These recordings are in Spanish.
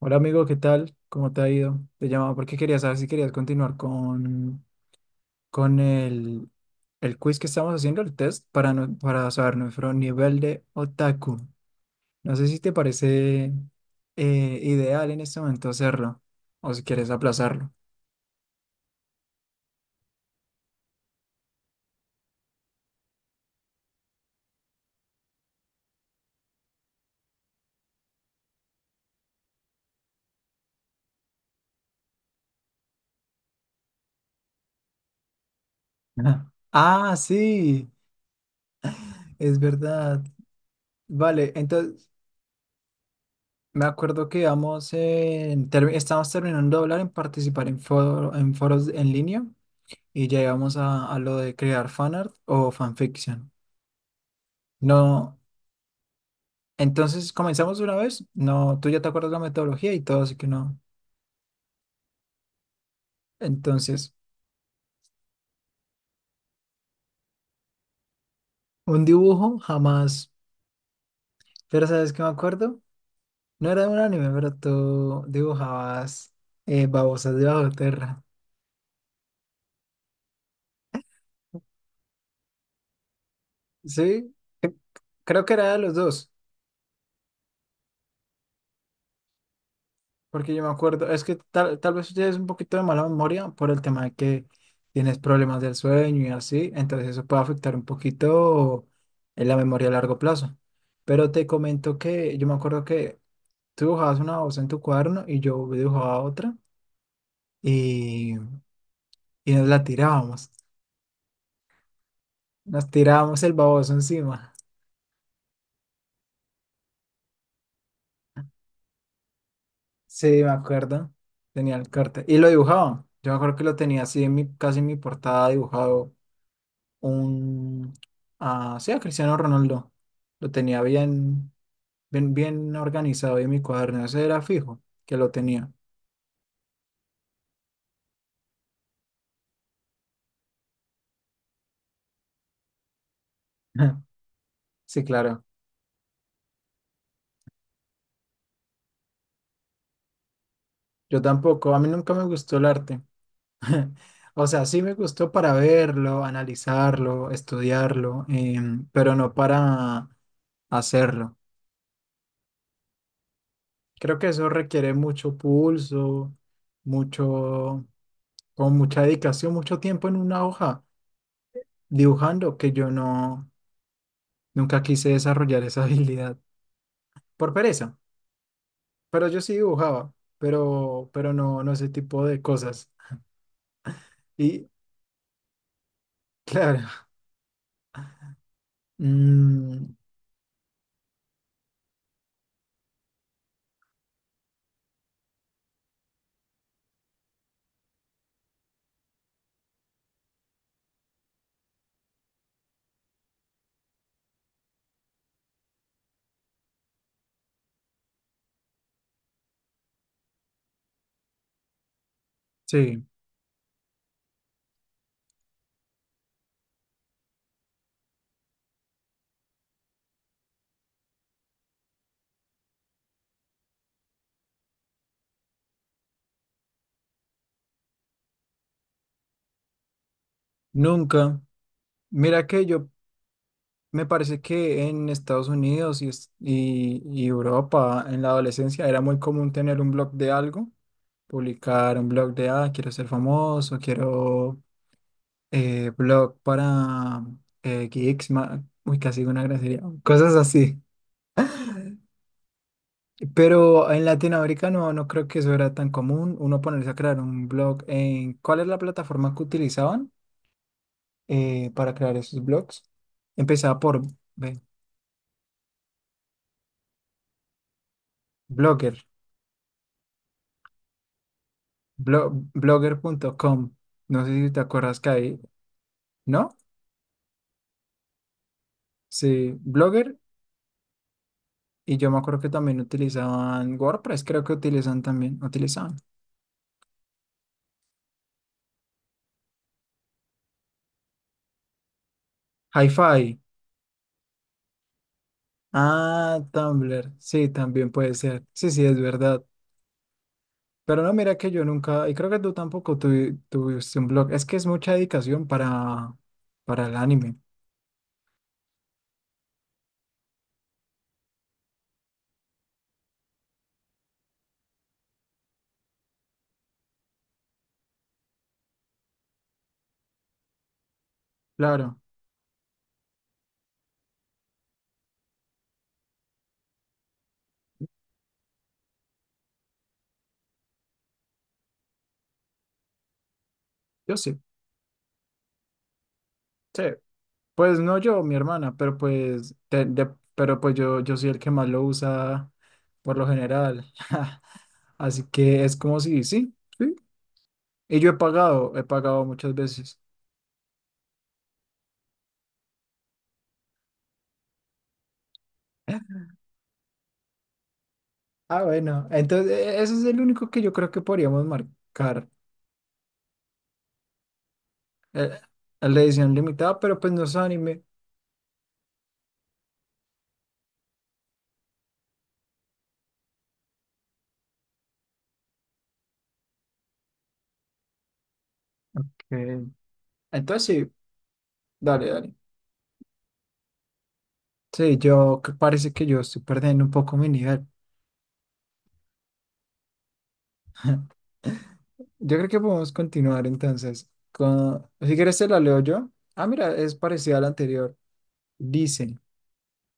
Hola amigo, ¿qué tal? ¿Cómo te ha ido? Te llamaba porque quería saber si querías continuar con el quiz que estamos haciendo, el test, para, no- para saber nuestro nivel de otaku. No sé si te parece ideal en este momento hacerlo o si quieres aplazarlo. Ajá. Ah, sí, es verdad. Vale, entonces me acuerdo que vamos estamos terminando de hablar en participar en foros en línea. Y llegamos a lo de crear fanart o fanfiction. No, entonces comenzamos una vez. No, tú ya te acuerdas la metodología y todo, así que no. Entonces, un dibujo jamás. Pero ¿sabes qué me acuerdo? No era de un anime, pero tú dibujabas babosas de bajo tierra. Sí, eh, creo que era de los dos. Porque yo me acuerdo, es que tal vez tú tienes un poquito de mala memoria por el tema de que tienes problemas del sueño y así, entonces eso puede afectar un poquito en la memoria a largo plazo. Pero te comento que yo me acuerdo que tú dibujabas una voz en tu cuaderno y yo dibujaba otra y, y nos la tirábamos. Nos tirábamos el baboso encima. Sí, me acuerdo. Tenía el corte. Y lo dibujaba. Yo me acuerdo que lo tenía así en casi en mi portada dibujado un... Ah, sí, a Cristiano Ronaldo. Lo tenía bien, bien, bien organizado ahí en mi cuaderno. Ese era fijo que lo tenía. Sí, claro. Yo tampoco. A mí nunca me gustó el arte. O sea, sí me gustó para verlo, analizarlo, estudiarlo, pero no para hacerlo. Creo que eso requiere mucho pulso, mucho, con mucha dedicación, mucho tiempo en una hoja dibujando que yo no. Nunca quise desarrollar esa habilidad por pereza, pero yo sí dibujaba, no ese tipo de cosas. Y claro, mm, sí, nunca. Mira que yo me parece que en Estados Unidos y Europa en la adolescencia era muy común tener un blog de algo, publicar un blog de, ah, quiero ser famoso, quiero blog para geeks, uy, casi una grosería, cosas así. Pero en latinoamericano no creo que eso era tan común, uno ponerse a crear un blog en... ¿Cuál es la plataforma que utilizaban para crear esos blogs? Empezaba por ve, Blogger, blogger.com. No sé si te acuerdas que ahí, ¿no? Sí, Blogger. Y yo me acuerdo que también utilizaban WordPress, creo que utilizan también, utilizaban. Hi-Fi. Ah, Tumblr. Sí, también puede ser. Sí, sí, es verdad. Pero no, mira que yo nunca, y creo que tú tampoco tuviste un blog. Es que es mucha dedicación para el anime. Claro, yo sí. Sí. Pues no yo, mi hermana, pero pues, pero pues yo soy el que más lo usa por lo general. Así que es como si, sí, sí. Y yo he pagado muchas veces. Ah, bueno, entonces ese es el único que yo creo que podríamos marcar. El la edición limitada, pero pues no es anime. Ok. Entonces sí. Dale, dale. Sí, yo parece que yo estoy perdiendo un poco mi nivel. Yo creo que podemos continuar entonces. Con... Si quieres, te la leo yo. Ah, mira, es parecida a la anterior. Dice,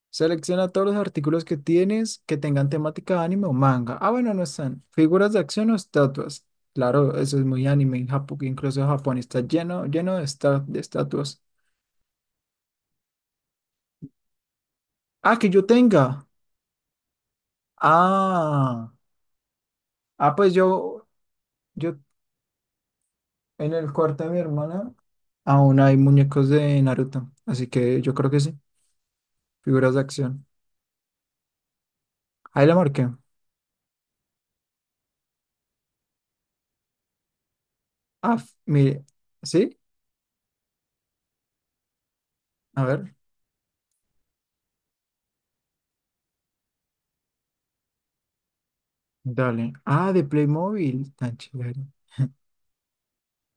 selecciona todos los artículos que tienes que tengan temática de anime o manga. Ah, bueno, no están. Figuras de acción o estatuas. Claro, eso es muy anime en Japón, incluso Japón está lleno, lleno de, de estatuas. Ah, que yo tenga. Ah, ah, pues yo en el cuarto de mi hermana. Aún hay muñecos de Naruto, así que yo creo que sí, figuras de acción. Ahí la marqué. Ah, mire, ¿sí? A ver, dale. Ah, de Playmobil, tan chévere.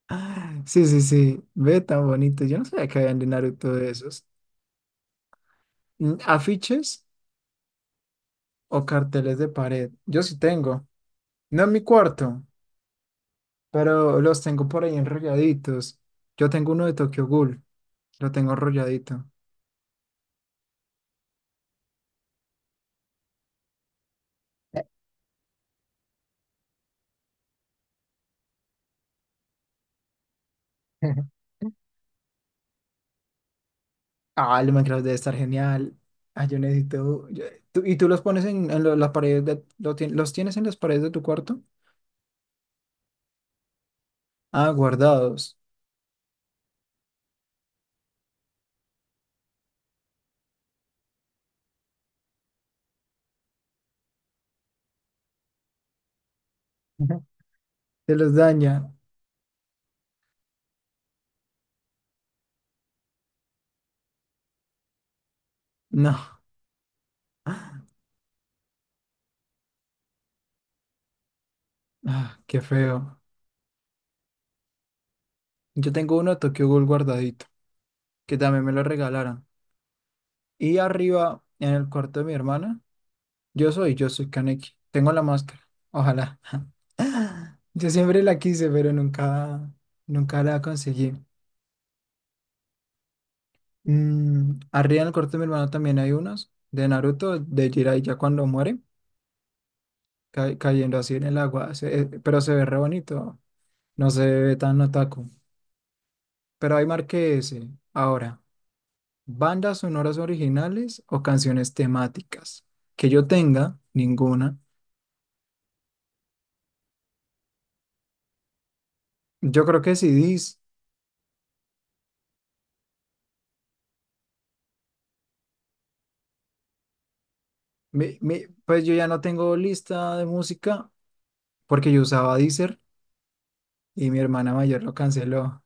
Ah, sí, sí, sí, ve tan bonito. Yo no sabía que habían de Naruto de esos. Mm, ¿afiches o carteles de pared? Yo sí tengo. No en mi cuarto, pero los tengo por ahí enrolladitos. Yo tengo uno de Tokyo Ghoul, lo tengo enrolladito. Ah, el Minecraft debe estar genial. Ah, yo necesito. ¿Y tú los pones en las paredes de, los tienes en las paredes de tu cuarto? Ah, guardados. Ujú. Te los daña. No. Ah, qué feo. Yo tengo uno de Tokyo Ghoul guardadito, que también me lo regalaron. Y arriba, en el cuarto de mi hermana, yo soy Kaneki. Tengo la máscara. Ojalá. Yo siempre la quise, pero nunca, nunca la conseguí. Mm, arriba en el corte de mi hermano también hay unos de Naruto, de Jiraiya ya cuando muere, cayendo así en el agua, pero se ve re bonito, no se ve tan otaku. Pero hay marqué ese. Ahora, bandas sonoras originales o canciones temáticas. Que yo tenga, ninguna. Yo creo que CDs, pues yo ya no tengo lista de música porque yo usaba Deezer y mi hermana mayor lo canceló.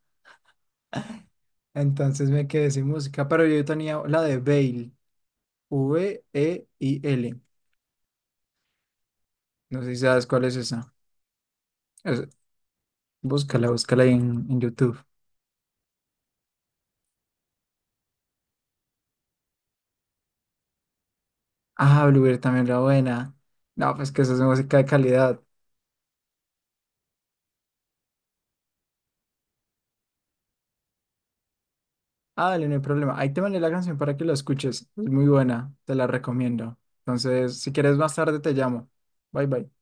Entonces me quedé sin música, pero yo tenía la de Veil VEIL. No sé si sabes cuál es esa. Es- Búscala, búscala ahí en YouTube. Ah, Bluebird también la buena. No, pues que esa es música de calidad. Ah, dale, no hay problema. Ahí te mandé la canción para que la escuches. Es muy buena, te la recomiendo. Entonces, si quieres más tarde, te llamo. Bye, bye.